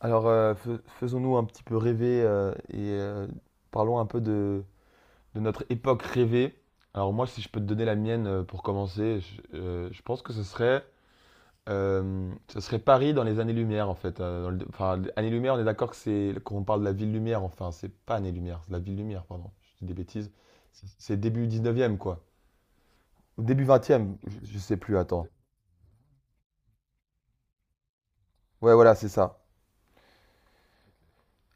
Alors, faisons-nous un petit peu rêver et parlons un peu de notre époque rêvée. Alors moi, si je peux te donner la mienne pour commencer, je pense que ce serait Paris dans les années-lumière en fait. Enfin, années-lumière, on est d'accord que c'est qu'on parle de la ville-lumière. Enfin, c'est pas années-lumière, c'est la ville-lumière, pardon. Je dis des bêtises. C'est début 19e quoi. Ou début 20. Je sais plus, attends. Ouais, voilà, c'est ça.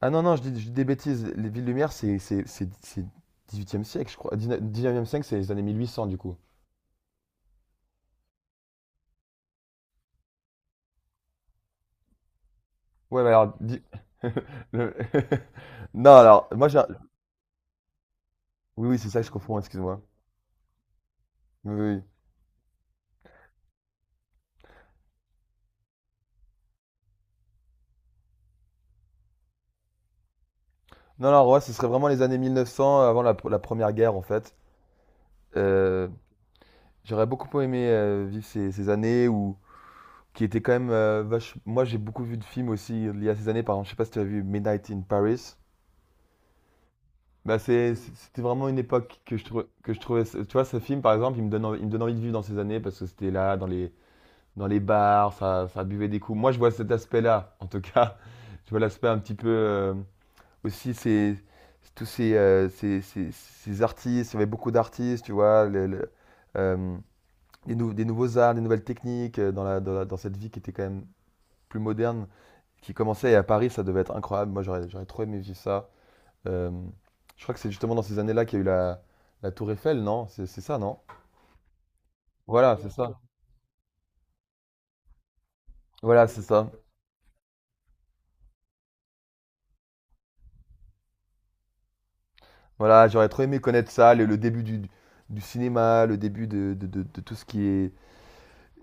Ah non, non, je dis des bêtises. Les villes lumières, c'est 18e siècle, je crois. 19e siècle, c'est les années 1800 du coup. Ouais, mais alors le- non, alors, moi, j'ai Oui, oui, c'est ça que je confonds, excuse-moi. Oui, oui, oui. Non, non, ouais, ce serait vraiment les années 1900 avant la Première Guerre, en fait. Euh, j'aurais beaucoup aimé vivre ces années où qui étaient quand même moi, j'ai beaucoup vu de films aussi liés à ces années. Par exemple, je sais pas si tu as vu Midnight in Paris. Bah, c'était vraiment une époque que je trouvais, tu vois, ce film, par exemple, il me donne envie, il me donne envie de vivre dans ces années parce que c'était là, dans les bars, ça buvait des coups. Moi, je vois cet aspect-là, en tout cas. Je vois l'aspect un petit peu, aussi, c'est tous ces artistes, il y avait beaucoup d'artistes, tu vois, euh, des nouveaux arts, des nouvelles techniques dans dans cette vie qui était quand même plus moderne, qui commençait, et à Paris, ça devait être incroyable. Moi, j'aurais trop aimé vivre ça. Euh, je crois que c'est justement dans ces années-là qu'il y a eu la Tour Eiffel, non? C'est ça, non? Voilà, c'est ça. Voilà, c'est ça. Voilà, j'aurais trop aimé connaître ça, le début du cinéma, le début de tout ce qui est.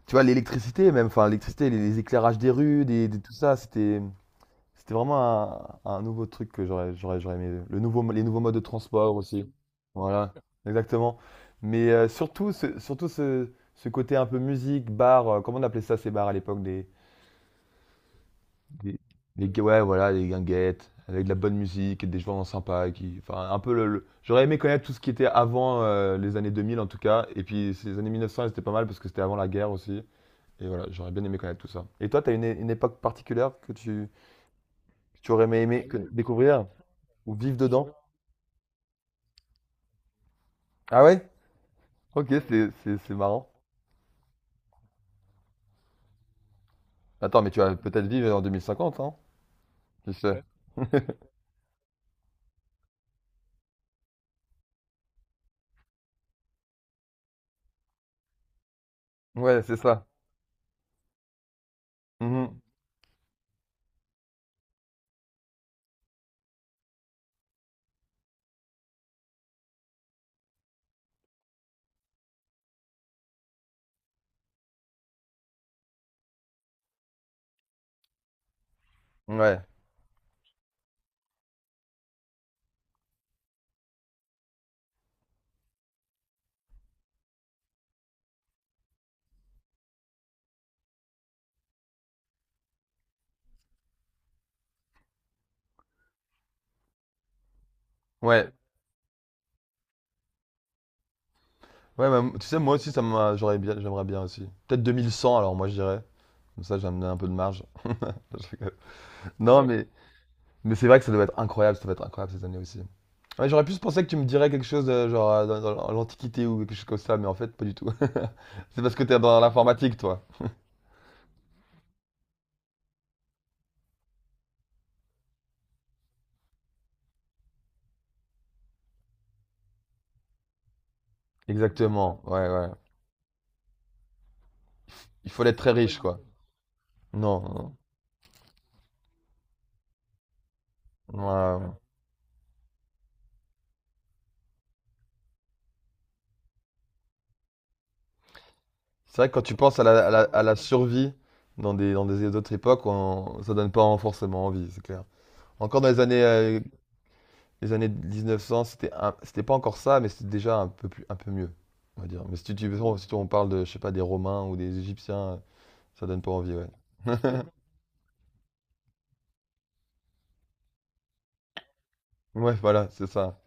Tu vois, l'électricité même, enfin l'électricité, les éclairages des rues, tout ça, c'était vraiment un nouveau truc que j'aurais aimé. Les nouveaux modes de transport aussi. Voilà, exactement. Mais surtout, ce côté un peu musique, bar, comment on appelait ça ces bars à l'époque, des. Des, ouais, voilà, des guinguettes, avec de la bonne musique, des gens sympas. Qui, enfin, un peu. J'aurais aimé connaître tout ce qui était avant les années 2000 en tout cas. Et puis ces années 1900, elles étaient pas mal parce que c'était avant la guerre aussi. Et voilà, j'aurais bien aimé connaître tout ça. Et toi, t'as une époque particulière que que tu aurais aimé oui, découvrir ou vivre dedans? Ah ouais? Ok, c'est marrant. Attends, mais tu vas peut-être vivre en 2050, hein? Tu sais. Ouais. Ouais, c'est ça. Mhm. Ouais. Ouais. Ouais, bah, tu sais, moi aussi, ça m'a, j'aurais bien, j'aimerais bien aussi. Peut-être 2100 alors moi, je dirais. Comme ça, j'ai amené un peu de marge. Je rigole. Non. Ouais. Mais c'est vrai que ça doit être incroyable, ça doit être incroyable cette année aussi. Ouais, j'aurais plus pensé que tu me dirais quelque chose de, genre dans l'Antiquité ou quelque chose comme ça, mais en fait, pas du tout. C'est parce que t'es dans l'informatique, toi. Exactement, ouais, ouais. Il faut être très riche, quoi. Non, non. Ouais, ouais. C'est vrai que quand tu penses à la survie dans des autres époques, ça donne pas forcément envie, c'est clair. Encore dans les années les années 1900, c'était pas encore ça, mais c'était déjà un peu plus, un peu mieux, on va dire. Mais si si on parle de, je sais pas, des Romains ou des Égyptiens, ça donne pas envie, ouais. Ouais, voilà, c'est ça.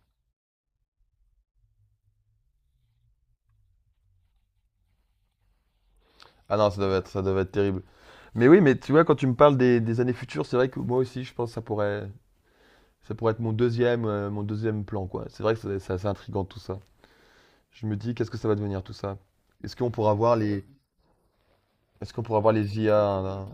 Ah non, ça devait être terrible. Mais oui, mais tu vois, quand tu me parles des années futures, c'est vrai que moi aussi, je pense que ça pourrait être mon deuxième plan, quoi. C'est vrai que c'est assez intriguant tout ça. Je me dis, qu'est-ce que ça va devenir tout ça? Est-ce qu'on pourra voir les, Est-ce qu'on pourra voir les IA? Là.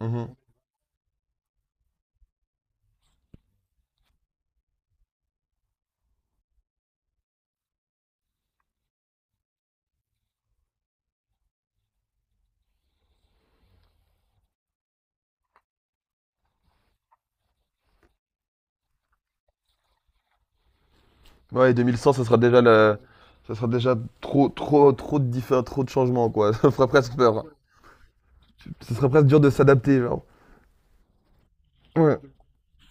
Mhm. Ouais, 2100, ça sera déjà le, ça sera déjà trop, trop, trop de changements, quoi. Ça ferait presque peur. Ce serait presque dur de s'adapter, genre. Ouais.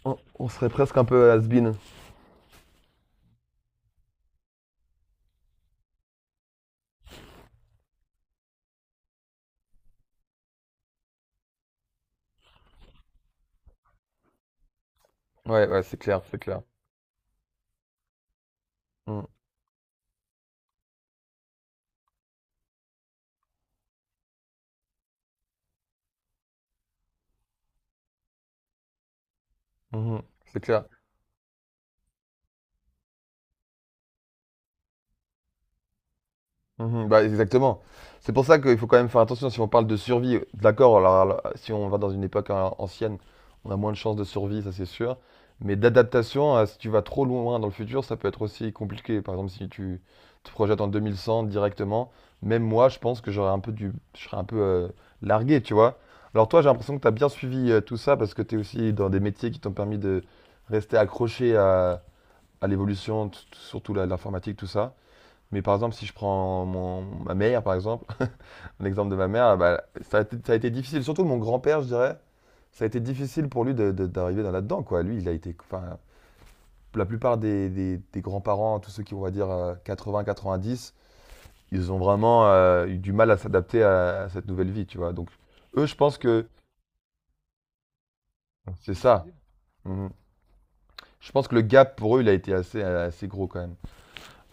On serait presque un peu has-been. Ouais, ouais, c'est clair, c'est clair. Mm. Mhm. C'est clair. Mhm, bah, exactement. C'est pour ça qu'il faut quand même faire attention si on parle de survie. D'accord, alors, si on va dans une époque, hein, ancienne, on a moins de chances de survie, ça c'est sûr. Mais d'adaptation, si tu vas trop loin dans le futur, ça peut être aussi compliqué. Par exemple, si tu te projettes en 2100 directement, même moi, je pense que j'aurais un peu du, je serais un peu largué, tu vois. Alors toi, j'ai l'impression que tu as bien suivi tout ça parce que tu es aussi dans des métiers qui t'ont permis de rester accroché à l'évolution, surtout l'informatique, tout ça. Mais par exemple, si je prends ma mère, par exemple, l'exemple de ma mère, bah, ça a été difficile, surtout mon grand-père, je dirais, ça a été difficile pour lui d'arriver dans là-dedans, quoi. Lui, il a été, enfin, la plupart des grands-parents, tous ceux qui, on va dire, 80-90, ils ont vraiment eu du mal à s'adapter à cette nouvelle vie, tu vois. Donc, eux, je pense que c'est ça. Mhm. Je pense que le gap pour eux, il a été assez, assez gros quand même.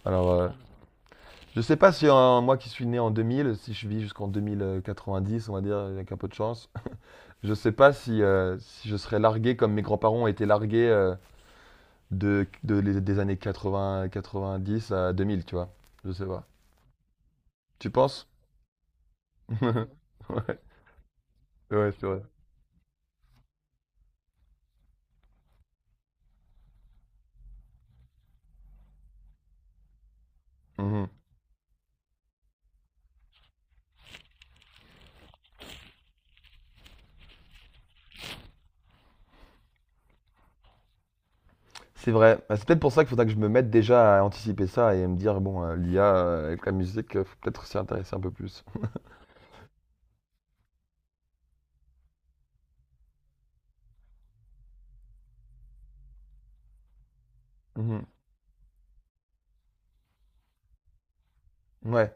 Alors, je sais pas si moi qui suis né en 2000, si je vis jusqu'en 2090, on va dire, avec un peu de chance, je sais pas si je serais largué comme mes grands-parents ont été largués des années 80, 90 à 2000, tu vois. Je sais pas. Tu penses? Ouais, ouais, c'est vrai. Mhm. C'est vrai. Bah, c'est peut-être pour ça qu'il faudra que je me mette déjà à anticiper ça et me dire, bon, l'IA avec la musique, faut peut-être s'y intéresser un peu plus. Mhm. Ouais,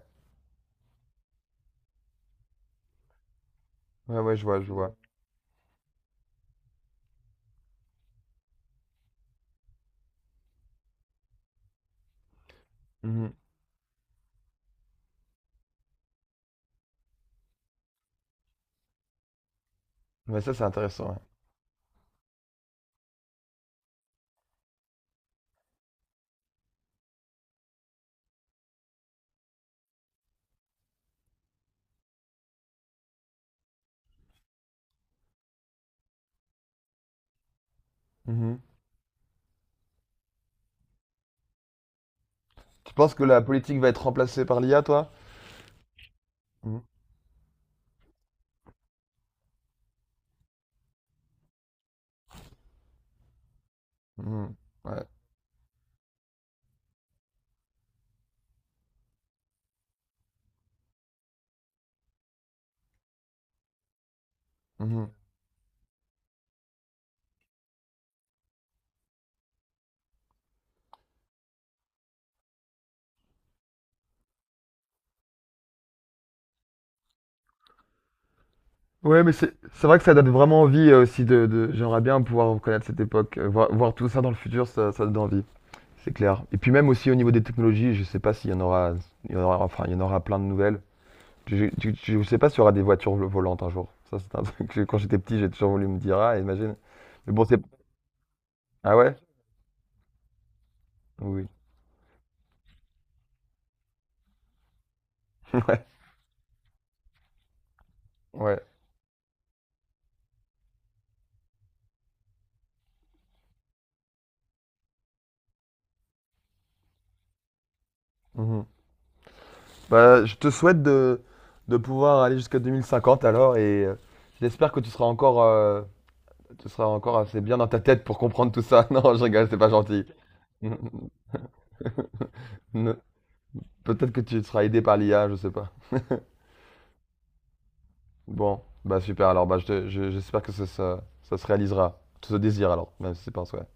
ouais, ouais, je vois, je vois. Mhm. Ouais, ça, c'est intéressant. Ouais. Mhm. Tu penses que la politique va être remplacée par l'IA, toi? Mhm. Mhm. Ouais. Mhm. Ouais, mais c'est vrai que ça donne vraiment envie aussi j'aimerais bien pouvoir reconnaître cette époque, voir tout ça dans le futur, ça donne envie, c'est clair. Et puis même aussi au niveau des technologies, je sais pas s'il y en aura, il y en aura, enfin il y en aura plein de nouvelles. Je, je sais pas s'il y aura des voitures volantes un jour. Ça c'est un truc que quand j'étais petit, j'ai toujours voulu me dire, ah imagine. Mais bon ah ouais? Oui. Ouais. Ouais. Mhm. Bah, je te souhaite de pouvoir aller jusqu'à 2050 alors et j'espère que tu seras encore assez bien dans ta tête pour comprendre tout ça. Non, je rigole, c'est pas gentil. Ne- Peut-être que tu seras aidé par l'IA, je sais pas. Bon, bah super, alors bah, j'espère que ça se réalisera. Tout ce désir alors, même si c'est pas un souhait.